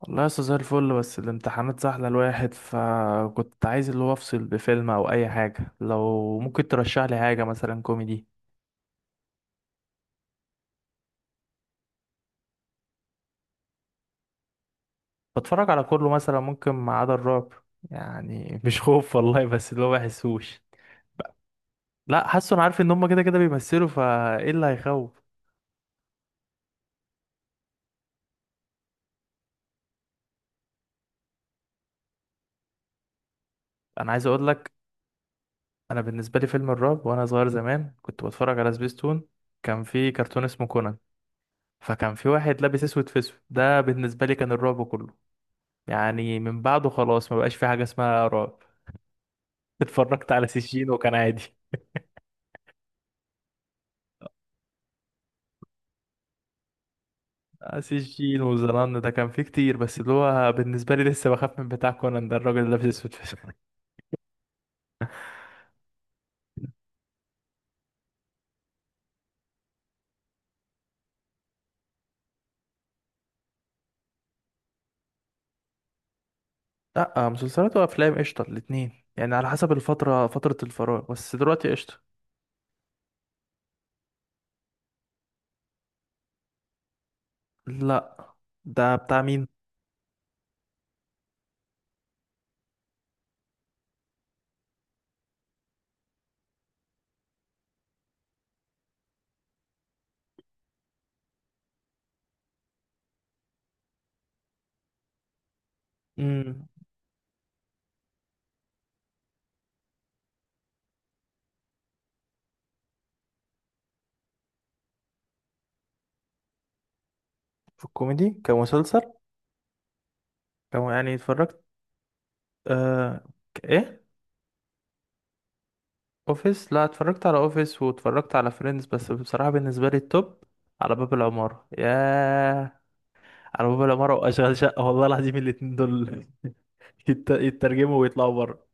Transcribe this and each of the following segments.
والله لسه زي الفل، بس الامتحانات سهلة الواحد فكنت عايز اللي هو افصل بفيلم او اي حاجة. لو ممكن ترشح لي حاجة مثلا كوميدي. بتفرج على كله، مثلا ممكن ما عدا الرعب. يعني مش خوف والله، بس اللي هو بحسوش. لا، حاسه انا عارف ان هم كده كده بيمثلوا، فايه اللي هيخوف. انا عايز اقول لك. انا بالنسبة لي فيلم الرعب وانا صغير زمان كنت بتفرج على سبيستون. كان في كرتون اسمه كونان. فكان في واحد لابس اسود في اسود، ده بالنسبة لي كان الرعب كله. يعني من بعده خلاص ما بقاش في حاجة اسمها رعب. اتفرجت على سجين وكان عادي. آه، سجين وزنان ده كان فيه كتير، بس اللي هو بالنسبة لي لسه بخاف من بتاع كونان ده، الراجل اللي لابس اسود في اسود. لا، آه، مسلسلات وافلام قشطة الاتنين، يعني على حسب الفترة، فترة الفراغ، بس دلوقتي قشطة. لا، ده بتاع مين؟ امم. في الكوميدي كمسلسل كم يعني اتفرجت. آه. ايه؟ اوفيس؟ لا، اتفرجت على اوفيس واتفرجت على فريندز، بس بصراحة بالنسبة لي التوب على باب العمارة، ياه. على باب العمارة وأشغال شقة، والله العظيم الاتنين دول يترجموا ويطلعوا بره.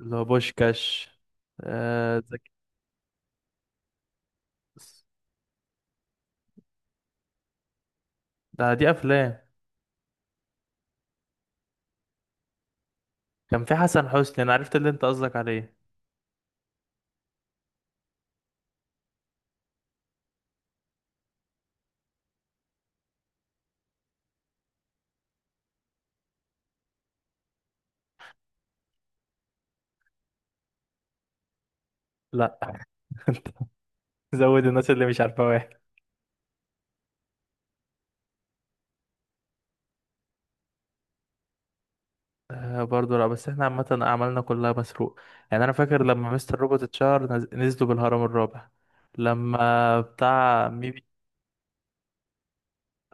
اللي هو بوشكاش. آه، زكي. دي أفلام. كان في حسن حسني، أنا عرفت اللي أنت قصدك عليه. لا. أنت زود الناس اللي مش عارفة، واحد. آه، برضه لا، بس احنا عامة أعمالنا كلها مسروق. يعني أنا فاكر لما مستر روبوت اتشهر نزلوا بالهرم الرابع. لما بتاع ميبي،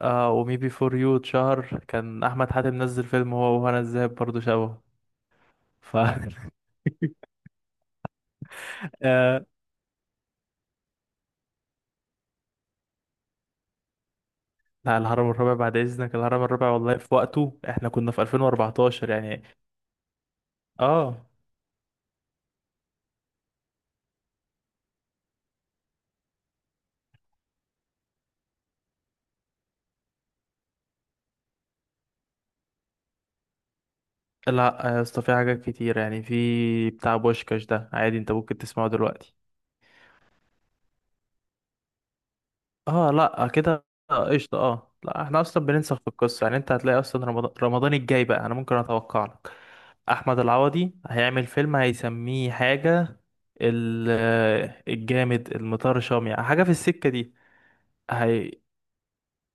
آه، وميبي فور يو اتشهر كان أحمد حاتم نزل فيلم هو وهنا الزاهد برضه شبهه. ف آه، لا، الهرم الرابع بعد اذنك، الهرم الرابع والله في وقته احنا كنا في 2014 يعني. اه لا يا اسطى، في حاجات كتير، يعني في بتاع بوشكاش ده عادي انت ممكن تسمعه دلوقتي. اه لا كده، آه، قشطة. اه لا، احنا اصلا بننسخ في القصة. يعني انت هتلاقي اصلا رمضان، رمضان الجاي بقى انا ممكن اتوقع لك. احمد العوضي هيعمل فيلم هيسميه حاجة، ال- الجامد المطرشام، يعني حاجة في السكة دي. هي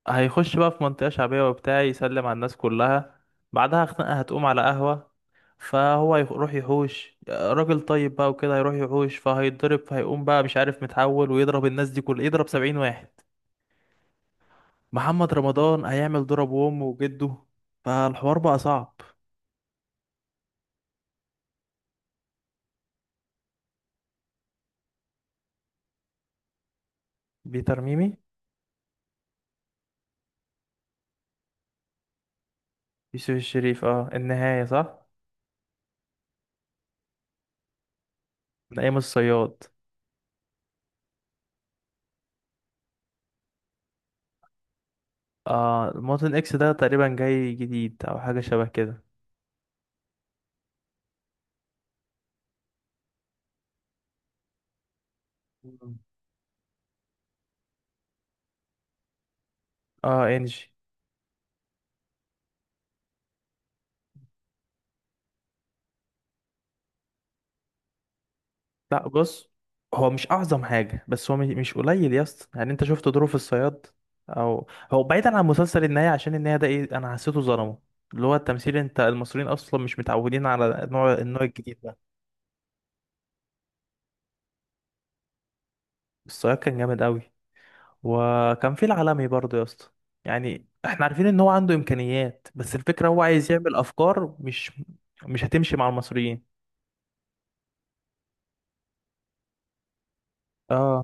هيخش بقى في منطقة شعبية وبتاع، يسلم على الناس كلها. بعدها خناقة هتقوم على قهوة، فهو يروح يحوش راجل طيب بقى وكده، هيروح يحوش فهيتضرب، فهيقوم بقى مش عارف متحول ويضرب الناس دي، كل يضرب سبعين واحد. محمد رمضان هيعمل ضرب وامه وجده. فالحوار بقى صعب. بيتر ميمي. يوسف الشريف، اه، النهاية صح. من أيام الصياد. اه، المواطن اكس ده تقريبا جاي جديد أو حاجة شبه كده. مم. اه، انجي. لا، بص، هو مش اعظم حاجه، بس هو مش قليل يا اسطى، يعني انت شفت ظروف الصياد. او هو بعيدا عن مسلسل النهايه، عشان النهايه ده ايه، انا حسيته ظلمه. اللي هو التمثيل، انت المصريين اصلا مش متعودين على النوع الجديد ده. الصياد كان جامد قوي. وكان في العالمي برضه يا اسطى. يعني احنا عارفين ان هو عنده امكانيات، بس الفكره هو عايز يعمل افكار مش هتمشي مع المصريين. اه،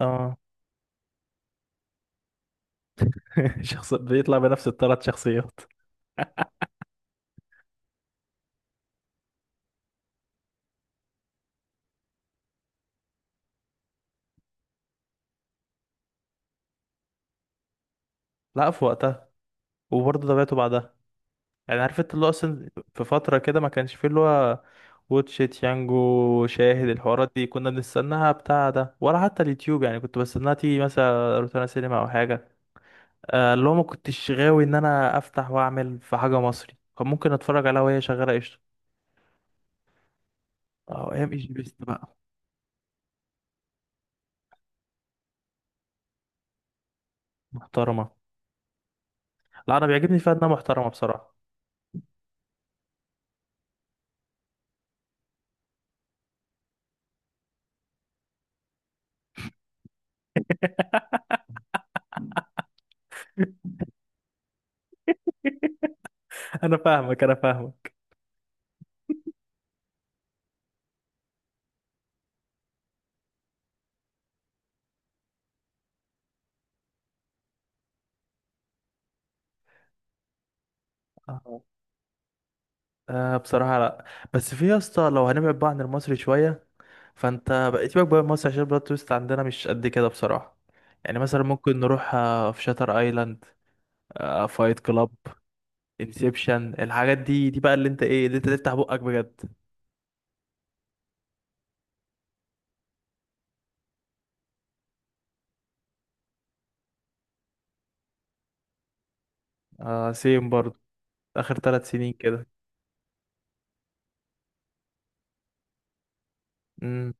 اه. شخص بيطلع بنفس الثلاث شخصيات. لا، في وقتها، وبرضه تابعته بعدها. يعني عارف انت اللي هو اصلا في فترة كده ما كانش فيه اللي هو واتشيت يانجو، شاهد، الحوارات دي كنا بنستناها بتاع ده، ولا حتى اليوتيوب يعني. كنت بستناها تيجي مثلا روتانا سينما او حاجة. آه، اللي هو ما كنتش غاوي ان انا افتح واعمل في حاجة مصري كان ممكن اتفرج عليها وهي شغالة قشطة. اه، ايام ايجي بيست بقى، محترمة. لا، انا بيعجبني فيها انها محترمة بصراحة. انا فاهمك انا فاهمك. اه، آه، بصراحة لا. بس في يا اسطى، لو هنبعد بقى عن المصري شوية، فانت بقيت بقى مصر عشان البلوت تويست عندنا مش قد كده بصراحة. يعني مثلا ممكن نروح، آه، في شاتر ايلاند، آه، فايت كلاب، انسبشن، الحاجات دي بقى اللي انت ايه، اللي انت تفتح بقك بجد. آه، سيم برضو. اخر ثلاث سنين كده. امم.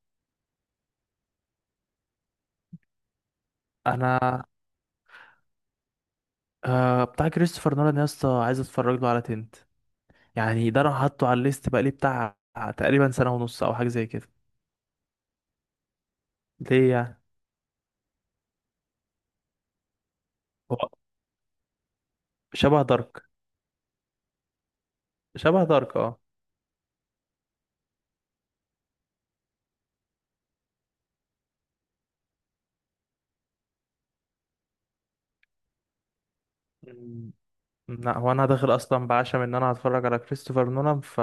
انا، آه، بتاع كريستوفر نولان يا اسطى، عايز اتفرج له على تنت. يعني ده انا حاطه على الليست بقى لي بتاع تقريبا سنة ونص او حاجة زي كده. ليه يعني؟ هو شبه دارك. شبه دارك. اه لا، هو انا داخل اصلا بعشم ان انا هتفرج على كريستوفر نولان.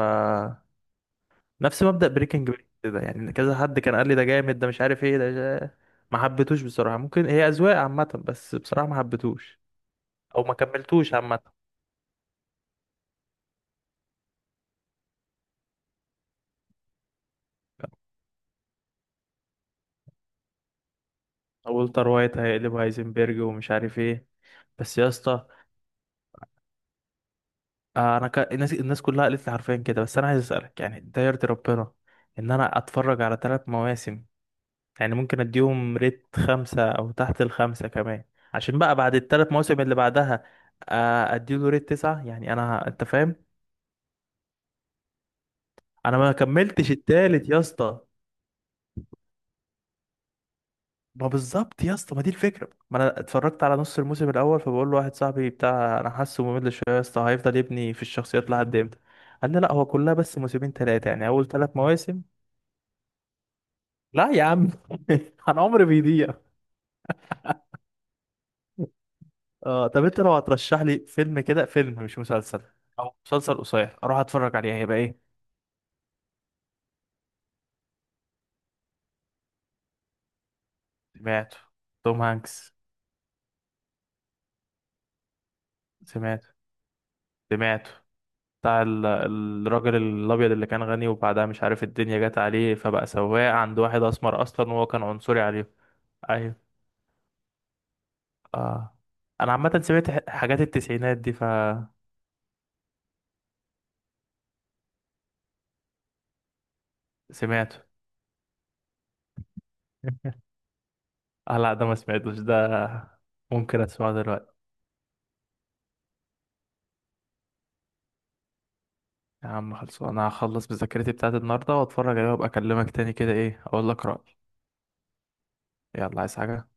نفس مبدأ بريكنج باد كده يعني. كذا حد كان قال لي ده جامد، ده مش عارف ايه، ما حبيتوش بصراحة. ممكن هي اذواق عامة، بس بصراحة ما حبيتوش. او ما كملتوش عامة. والتر وايت هيقلب هايزنبرج ومش عارف ايه. بس يا اسطى، آه، انا الناس كلها قالت لي حرفيا كده، بس انا عايز اسالك، يعني ده يرضي ربنا ان انا اتفرج على ثلاث مواسم، يعني ممكن اديهم ريت خمسة او تحت الخمسة كمان، عشان بقى بعد الثلاث مواسم اللي بعدها آه، اديله ريت تسعة؟ يعني انا، انت فاهم. انا ما كملتش التالت يا اسطى. ما بالظبط يا اسطى، ما دي الفكرة، ما انا اتفرجت على نص الموسم الاول فبقول له واحد صاحبي بتاع: انا حاسه ممل شوية يا اسطى، هيفضل يبني في الشخصيات لحد امتى؟ قال لي لا، هو كلها بس موسمين ثلاثة يعني اول ثلاث مواسم. لا يا عم. انا عمري بيضيع. آه، طب انت لو هترشح لي فيلم كده، فيلم مش مسلسل او مسلسل قصير اروح اتفرج عليه، هيبقى ايه؟ سمعته. توم هانكس. سمعته. سمعته. بتاع الراجل الابيض اللي كان غني وبعدها مش عارف الدنيا جت عليه، فبقى سواق عند واحد اسمر اصلا وهو كان عنصري عليه. ايوه. اه، انا عامه سمعت حاجات التسعينات دي فسمعته. اه، لا، ده ما سمعتوش. ده ممكن اسمعه دلوقتي. يا عم خلصوا، انا هخلص بذاكرتي بتاعت النهارده واتفرج عليها، وابقى اكلمك تاني كده ايه، اقول لك رأيي. يلا، عايز حاجة؟